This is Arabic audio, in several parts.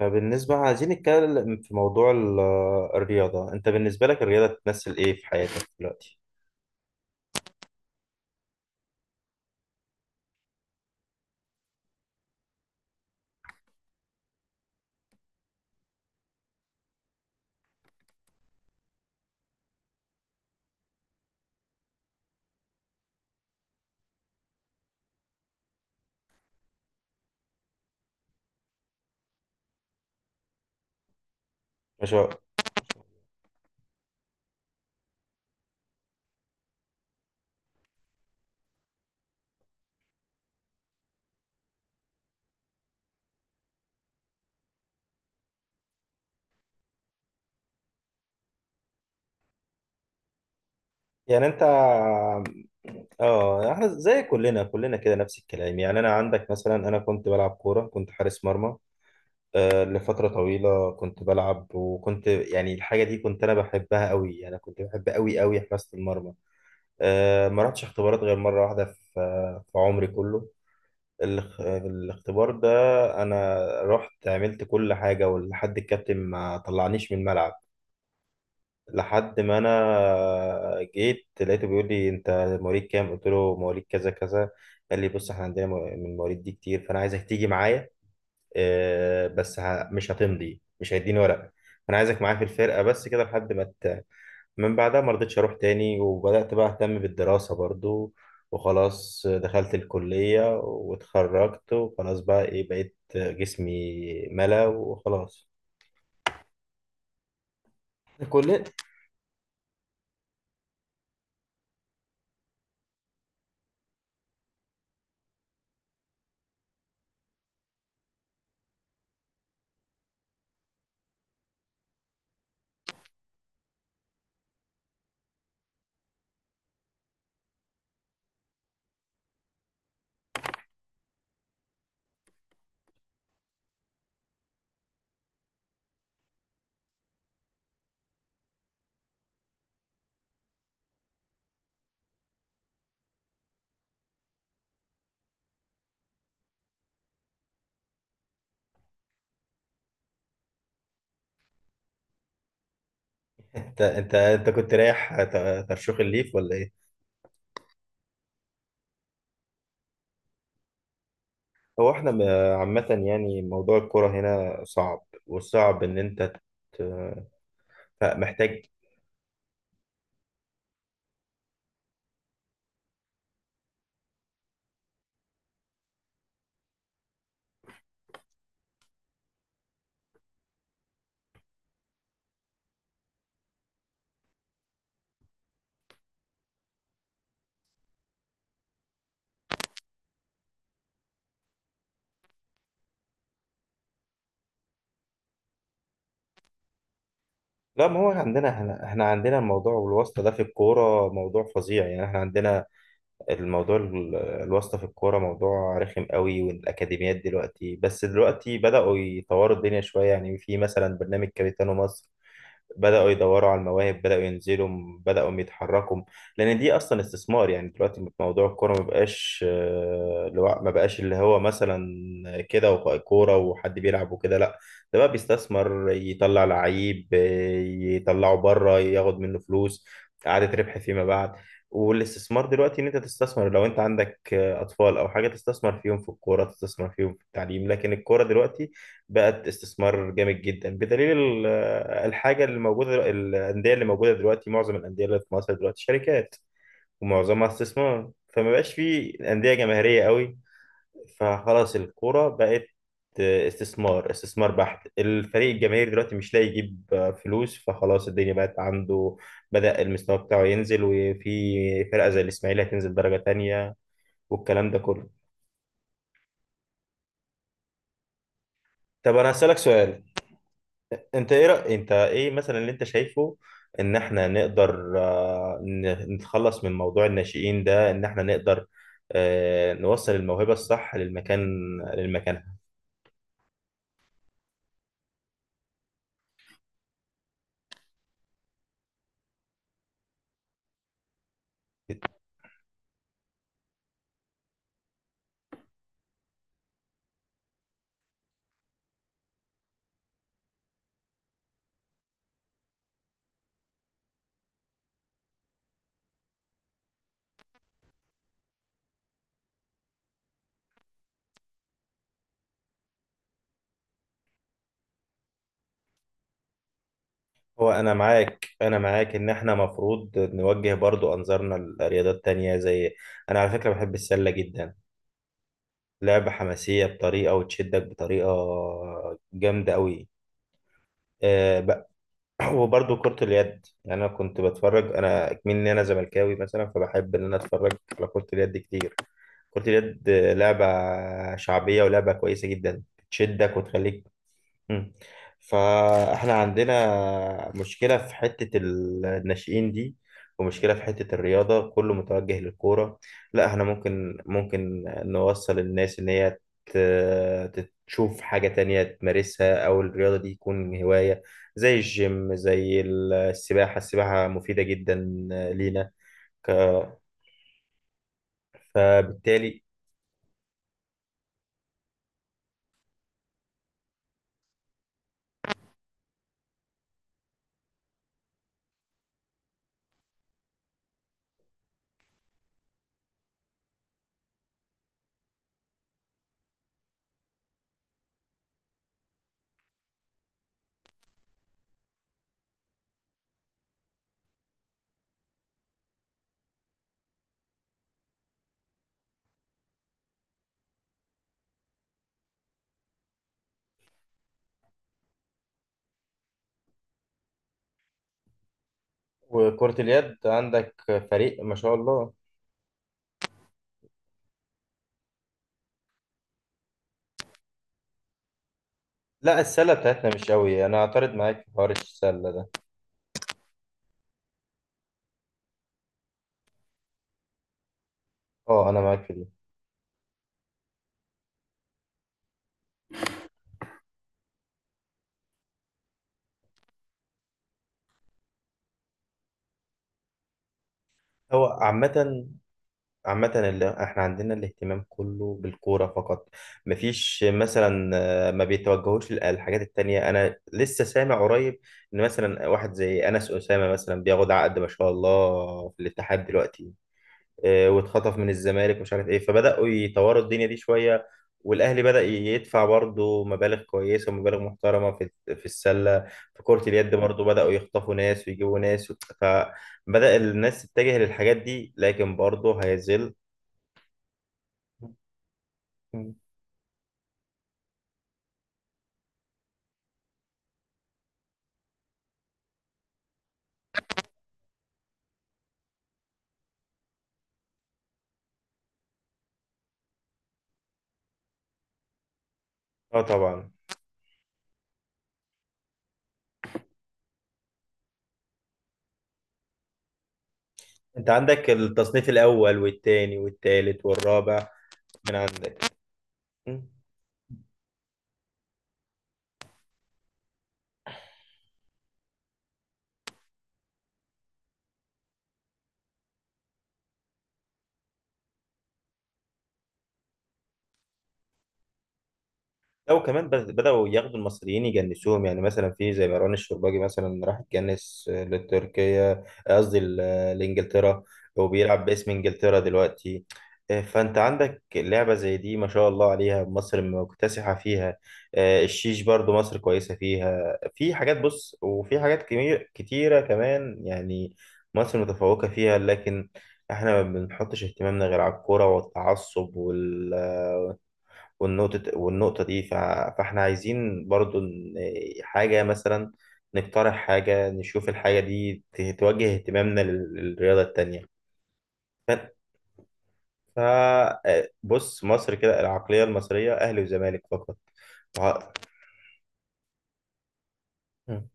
بالنسبة عايزين نتكلم في موضوع الرياضة. أنت بالنسبة لك الرياضة بتمثل إيه في حياتك دلوقتي؟ مش هو- يعني أنت آه، إحنا زي كلنا كده نفس الكلام. يعني أنا عندك مثلا، أنا كنت بلعب كورة، كنت حارس مرمى آه لفترة طويلة. كنت بلعب وكنت يعني الحاجة دي كنت أنا بحبها أوي، يعني كنت بحب أوي حراسة المرمى. آه، ما رحتش اختبارات غير مرة واحدة في في عمري كله. الاختبار ده انا رحت عملت كل حاجة، ولحد الكابتن ما طلعنيش من الملعب، لحد ما انا جيت لقيته بيقول لي: انت مواليد كام؟ قلت له مواليد كذا كذا. قال لي: بص، احنا عندنا من المواليد دي كتير، فانا عايزك تيجي معايا. آه، بس مش هتمضي، مش هيديني ورقة، انا عايزك معايا في الفرقة، بس كده لحد ما من بعدها ما رضيتش اروح تاني، وبدأت بقى اهتم بالدراسة برضو، وخلاص دخلت الكلية واتخرجت، وخلاص بقى ايه، بقيت جسمي ملا وخلاص. كل انت كنت رايح ترشيخ الليف ولا ايه؟ هو احنا ب- عامة يعني موضوع الكرة هنا صعب، والصعب ان انت ت- محتاج. لا، ما هو عندنا، احنا عندنا الموضوع والواسطة ده في الكورة موضوع فظيع. يعني احنا عندنا الموضوع الواسطة في الكورة موضوع رخم قوي. والأكاديميات دلوقتي، بس دلوقتي بدأوا يطوروا الدنيا شوية، يعني في مثلا برنامج كابيتانو مصر، بدأوا يدوروا على المواهب، بدأوا ينزلوا، بدأوا يتحركوا، لأن دي أصلا استثمار. يعني دلوقتي موضوع الكورة ما بقاش آه، ما بقاش اللي هو مثلا كده، وبقى كورة وحد بيلعب وكده، لا، ده بقى بيستثمر، يطلع لعيب آه، يطلعه بره، ياخد منه فلوس، إعادة ربح فيما بعد. والاستثمار دلوقتي إن أنت تستثمر، لو أنت عندك آه، أطفال أو حاجة، تستثمر فيهم في الكورة، تستثمر فيهم في التعليم. لكن الكورة دلوقتي بقت استثمار جامد جدا، بدليل الحاجه اللي موجوده، الانديه اللي موجوده دلوقتي، معظم الانديه اللي في مصر دلوقتي شركات، ومعظمها استثمار، فما بقاش في انديه جماهيريه قوي. فخلاص الكوره بقت استثمار بحت. الفريق الجماهيري دلوقتي مش لاقي يجيب فلوس، فخلاص الدنيا بقت عنده، بدأ المستوى بتاعه ينزل، وفي فرقة زي الإسماعيلي هتنزل درجة تانية، والكلام ده كله. طب أنا هسألك سؤال. انت ايه رأي، انت ايه مثلا اللي انت شايفه ان احنا نقدر آه، نتخلص من موضوع الناشئين ده؟ ان احنا نقدر آه، نوصل الموهبة الصح للمكان، للمكانها. هو انا معاك، انا معاك ان احنا مفروض نوجه برضو انظارنا لرياضات تانية زي، انا على فكرة بحب السلة جدا، لعبة حماسية بطريقة، وتشدك بطريقة جامدة قوي. وبرضه كرة اليد، يعني أنا كنت بتفرج أنا كمان، إن أنا زملكاوي مثلا، فبحب إن أنا أتفرج على كرة اليد كتير. كرة اليد لعبة شعبية، ولعبة كويسة جدا، بتشدك وتخليك. مم. فاحنا عندنا مشكلة في حتة الناشئين دي، ومشكلة في حتة الرياضة كله متوجه للكورة. لا، احنا ممكن، ممكن نوصل الناس ان هي تشوف حاجة تانية تمارسها، او الرياضة دي تكون هواية، زي الجيم، زي السباحة. السباحة مفيدة جدا لينا، فبالتالي. وكرة اليد عندك فريق ما شاء الله. لا، السلة بتاعتنا مش قوي، انا اعترض معاك في حوار السلة ده. اه، انا معاك في دي. هو عامة، عامة اللي احنا عندنا الاهتمام كله بالكورة فقط، مفيش مثلا آه، ما بيتوجهوش للحاجات التانية. انا لسه سامع قريب ان مثلا واحد زي انس اسامة مثلا بياخد عقد ما شاء الله في الاتحاد دلوقتي، آه، واتخطف من الزمالك ومش عارف ايه، فبداوا يطوروا الدنيا دي شويه. والاهلي بدا يدفع برضه مبالغ كويسه ومبالغ محترمه في في السله، في كره اليد برضه بداوا يخطفوا ناس ويجيبوا ناس. فبدا الناس تتجه للحاجات دي، لكن برضه هيظل. اه طبعا. انت عندك التصنيف الاول والتاني والتالت والرابع من عندك. لا، وكمان بدأوا ياخدوا المصريين يجنسوهم، يعني مثلا في زي مروان الشرباجي مثلا راح اتجنس لتركيا، قصدي لإنجلترا، وبيلعب باسم إنجلترا دلوقتي. آه، فأنت عندك لعبة زي دي ما شاء الله عليها، مصر مكتسحة فيها. آه، الشيش برضو مصر كويسة فيها. في حاجات بص، وفي حاجات كتيرة كمان يعني مصر متفوقة فيها. لكن احنا ما بنحطش اهتمامنا غير على الكورة والتعصب، والنقطة والنقطة دي فاحنا عايزين برضو حاجة مثلا، نقترح حاجة، نشوف الحاجة دي توجه اهتمامنا للرياضة التانية. ف... آه، بص مصر كده، العقلية المصرية أهلي وزمالك فقط. وه- مم.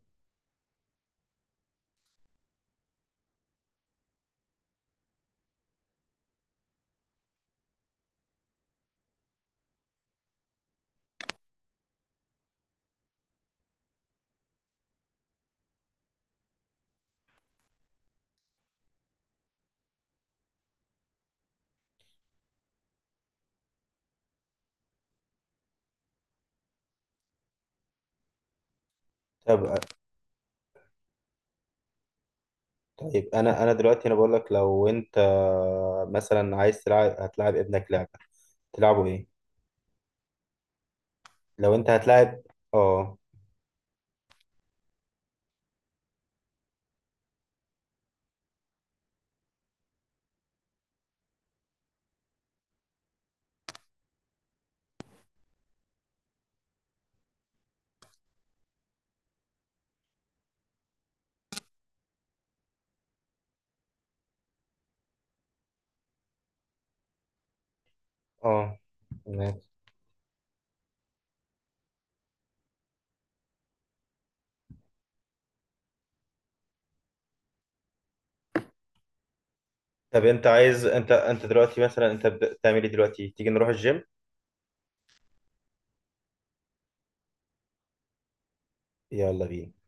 طب طيب أنا، أنا دلوقتي أنا بقول لك: لو أنت مثلا عايز تلعب، هتلعب ابنك لعبة، تلعبه إيه؟ لو أنت هتلعب آه. آه. تمام. طب أنت عايز، أنت دلوقتي مثلا أنت بتعمل إيه دلوقتي؟ تيجي نروح الجيم؟ يلا بينا.